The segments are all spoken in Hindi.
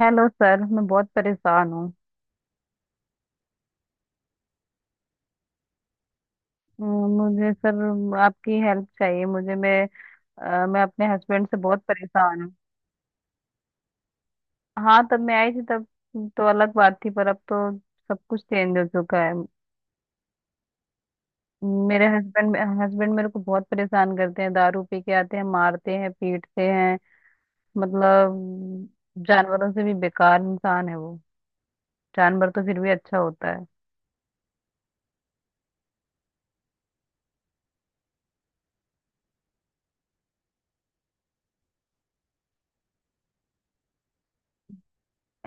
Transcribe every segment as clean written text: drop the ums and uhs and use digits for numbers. हेलो सर, मैं बहुत परेशान हूँ। मुझे सर आपकी हेल्प चाहिए। मैं अपने हस्बैंड से बहुत परेशान हूँ। हाँ, तब मैं आई थी तब तो अलग बात थी, पर अब तो सब कुछ चेंज हो चुका है। मेरे हस्बैंड हस्बैंड मेरे को बहुत परेशान करते हैं। दारू पी के आते हैं, मारते हैं, पीटते हैं। मतलब, जानवरों से भी बेकार इंसान है वो। जानवर तो फिर भी अच्छा होता है।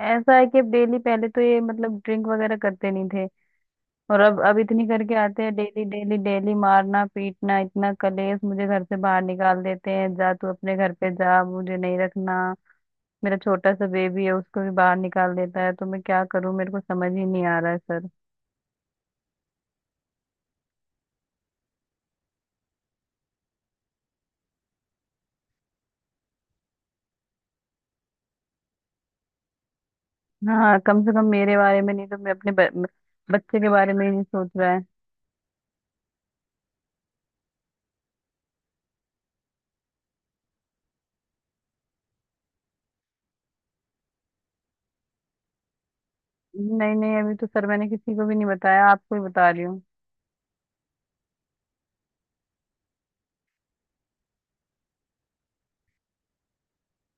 ऐसा है कि डेली, पहले तो ये मतलब ड्रिंक वगैरह करते नहीं, और अब इतनी करके आते हैं। डेली डेली डेली मारना पीटना इतना कलेश, मुझे घर से बाहर निकाल देते हैं। जा तू अपने घर पे जा, मुझे नहीं रखना। मेरा छोटा सा बेबी है, उसको भी बाहर निकाल देता है। तो मैं क्या करूं? मेरे को समझ ही नहीं आ रहा है सर। हाँ, कम से कम मेरे बारे में नहीं तो मैं अपने बच्चे के बारे में ही नहीं सोच रहा है। नहीं नहीं, अभी तो सर मैंने किसी को भी नहीं बताया, आपको ही बता रही हूँ।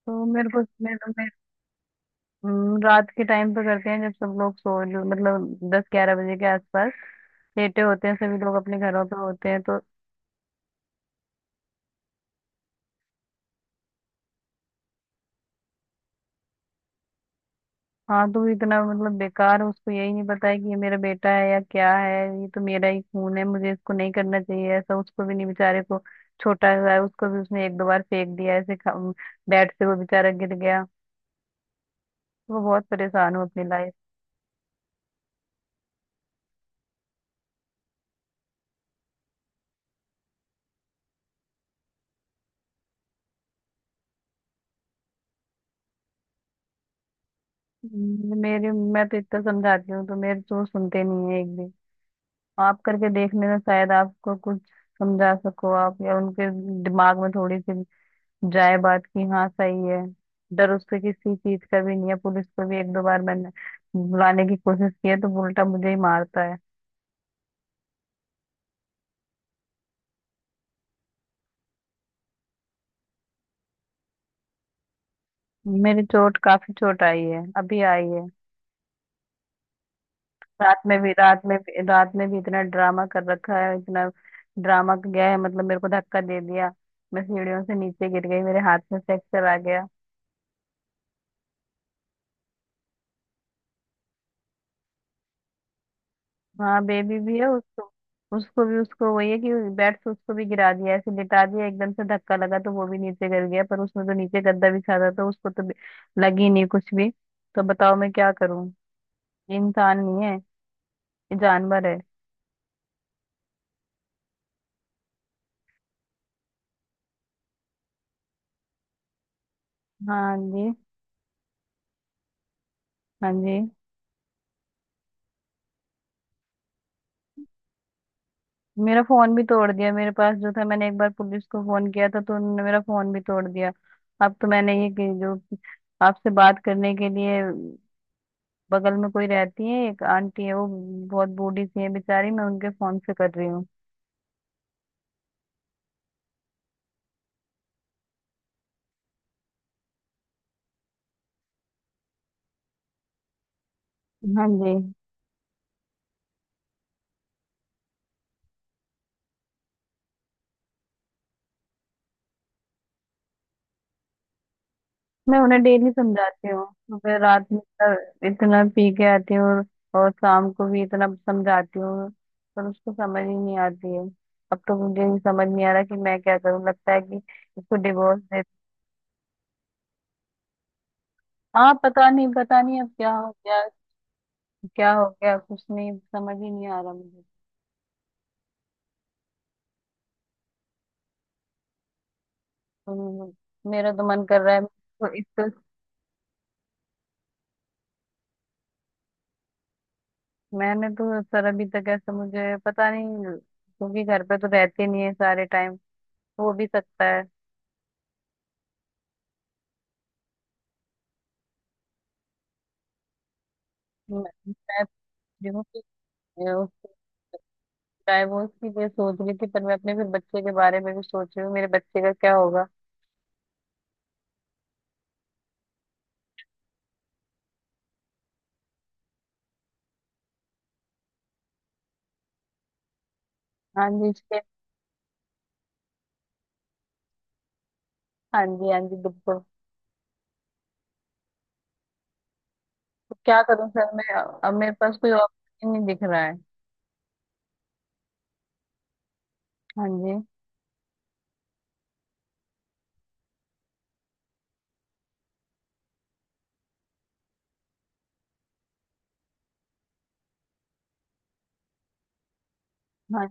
तो मेरे को मेरे, मेरे, रात के टाइम पे करते हैं, जब सब लोग सो, मतलब दस ग्यारह बजे के आसपास लेटे होते हैं, सभी लोग अपने घरों पे होते हैं तो। हाँ, तो वो इतना मतलब बेकार, उसको यही नहीं पता है कि ये मेरा बेटा है या क्या है। ये तो मेरा ही खून है, मुझे इसको नहीं करना चाहिए ऐसा। उसको भी नहीं, बेचारे को छोटा हुआ है। उसको भी उसने एक दो बार फेंक दिया ऐसे। बेड से वो बेचारा गिर गया। वो बहुत परेशान हूँ अपनी लाइफ। मेरे मैं तो इतना समझाती हूँ, तो मेरे तो वो सुनते नहीं है एक भी। आप करके देख लेना, शायद आपको कुछ समझा सको आप, या उनके दिमाग में थोड़ी सी जाए बात की। हाँ सही है। डर उससे किसी चीज का भी नहीं है। पुलिस को भी एक दो बार मैंने बुलाने की कोशिश की है, तो वो उल्टा मुझे ही मारता है। मेरी चोट, काफी चोट आई है, अभी आई है। रात में भी रात में भी रात में भी इतना ड्रामा कर रखा है, इतना ड्रामा गया है। मतलब मेरे को धक्का दे दिया, मैं सीढ़ियों से नीचे गिर गई, मेरे हाथ में फ्रैक्चर आ गया। हाँ, बेबी भी है। उसको उसको भी, उसको वही है कि बेड से उसको भी गिरा दिया। ऐसे लिटा दिया, एकदम से धक्का लगा तो वो भी नीचे गिर गया। पर उसमें तो नीचे गद्दा बिछा था, तो उसको तो लगी नहीं कुछ भी। तो बताओ मैं क्या करूं? ये इंसान नहीं है, ये जानवर है। हाँ जी, हाँ जी। मेरा फोन भी तोड़ दिया। मेरे पास जो था, मैंने एक बार पुलिस को फोन किया था तो उन्होंने मेरा फोन भी तोड़ दिया। अब तो मैंने ये जो आपसे बात करने के लिए, बगल में कोई रहती है, एक आंटी है, वो बहुत बूढ़ी सी है बेचारी, मैं उनके फोन से कर रही हूँ। हाँ जी। मैं उन्हें डेली समझाती हूँ, फिर रात में इतना इतना पी के आती हूँ, और शाम को भी इतना समझाती हूँ पर उसको समझ ही नहीं आती है। अब तो मुझे ही समझ नहीं आ रहा कि मैं क्या करूँ। लगता है कि इसको डिवोर्स दे। हाँ पता नहीं, पता नहीं अब क्या हो गया। क्या हो गया, कुछ नहीं, समझ ही नहीं आ रहा मुझे। तो मेरा तो मन कर रहा है इसको, इसको। मैंने तो सर अभी तक ऐसा मुझे पता नहीं, क्योंकि घर पे तो रहते नहीं है सारे टाइम, तो हो भी सकता है। मैं मैं सोच रही हूँ कि उसको डाइवोर्स की मैं सोच रही थी। पर मैं अपने फिर बच्चे के बारे में भी सोच रही हूँ, मेरे बच्चे का क्या होगा। हाँ जी इसके। हाँ जी, हाँ जी, बिल्कुल। तो क्या करूँ सर मैं? अब मेरे पास कोई ऑप्शन नहीं दिख रहा है। हाँ जी। हाँ।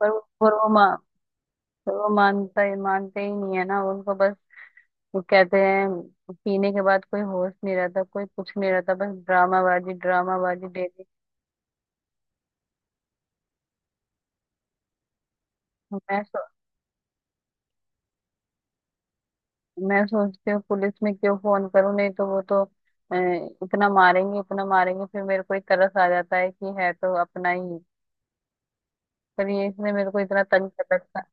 पर वो मा पर वो मानता ही मानते ही नहीं है ना, उनको बस वो कहते हैं, पीने के बाद कोई होश नहीं रहता, कोई कुछ नहीं रहता, बस ड्रामाबाजी ड्रामाबाजी डेली। मैं सो, मैं सोचती हूँ पुलिस में क्यों फोन करूँ, नहीं तो वो तो इतना मारेंगे इतना मारेंगे। फिर मेरे को ही तरस आ जाता है कि है तो अपना ही, पर ये इसने मेरे को इतना तंग कर रखा है।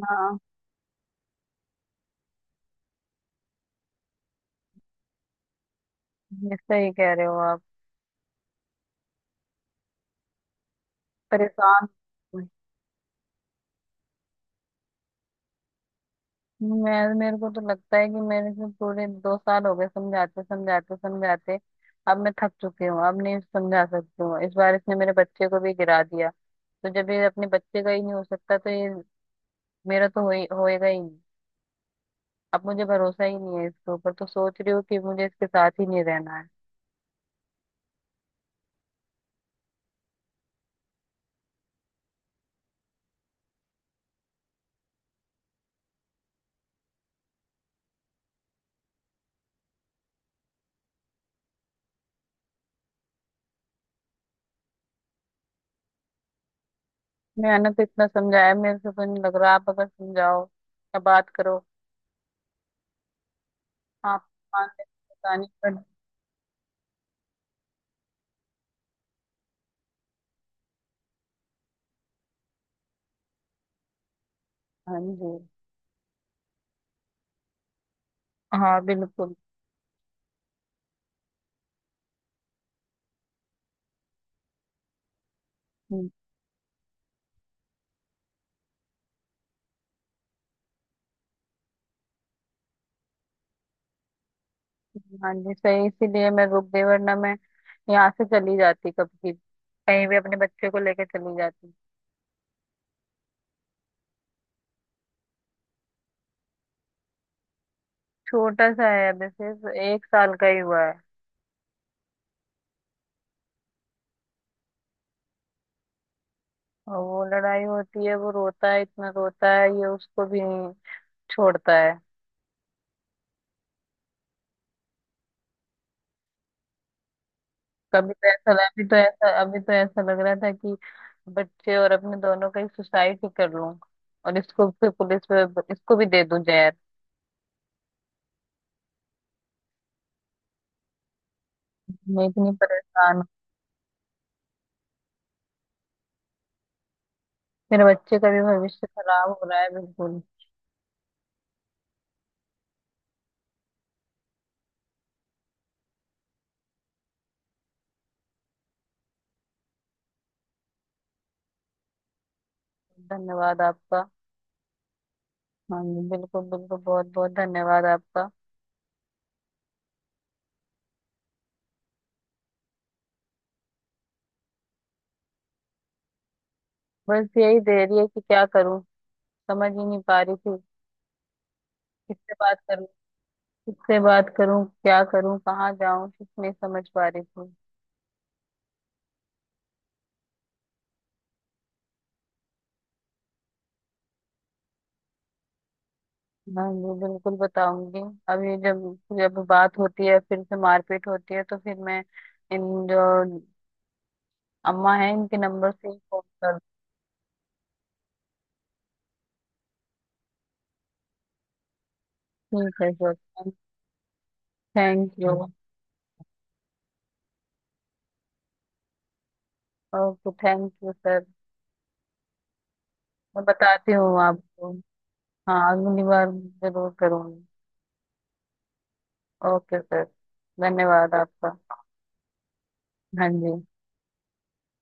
हाँ, ये सही कह रहे हो आप। परेशान। मैं, मेरे को तो लगता है कि मेरे से पूरे 2 साल हो गए समझाते समझाते समझाते। अब मैं थक चुकी हूँ, अब नहीं समझा सकती हूँ। इस बार इसने मेरे बच्चे को भी गिरा दिया, तो जब ये अपने बच्चे का ही नहीं हो सकता, तो ये मेरा तो हो ही होएगा ही नहीं। अब मुझे भरोसा ही नहीं है इसके ऊपर। तो सोच रही हूँ कि मुझे इसके साथ ही नहीं रहना है। मैंने तो इतना समझाया, मेरे से तो नहीं लग रहा। आप अगर समझाओ या बात करो, आप मान लें तो बतानी पड़। हाँ जी। हाँ बिल्कुल। हाँ जी सही, इसीलिए मैं रुक गई, वरना मैं यहाँ से चली जाती, कभी कहीं भी अपने बच्चे को लेके चली जाती। छोटा सा है, अभी सिर्फ 1 साल का ही हुआ है। और वो लड़ाई होती है, वो रोता है, इतना रोता है, ये उसको भी नहीं छोड़ता है। कभी तो ऐसा अभी तो ऐसा, अभी तो ऐसा लग रहा था कि बच्चे और अपने दोनों का ही सुसाइड ही कर लूं, और इसको फिर पुलिस पे, इसको भी दे दूं जहर। मैं इतनी परेशान हूँ। मेरे बच्चे का भी भविष्य खराब हो रहा है बिल्कुल। धन्यवाद आपका। हाँ जी बिल्कुल बिल्कुल, बहुत बहुत धन्यवाद आपका। बस यही दे रही है कि क्या करूं, समझ ही नहीं पा रही थी। किससे बात करूं, किससे बात करूं, क्या करूं, कहाँ जाऊं, कुछ नहीं समझ पा रही थी। हाँ जी बिल्कुल, बताऊंगी। अभी जब जब बात होती है, फिर से मारपीट होती है, तो फिर मैं इन, जो अम्मा है, इनके नंबर से ही फोन कर। ठीक है sir. Thank you. Okay thank you sir. मैं बताती हूँ आपको। हाँ अगली बार जरूर करूंगी। Okay sir. धन्यवाद आपका। हाँ जी।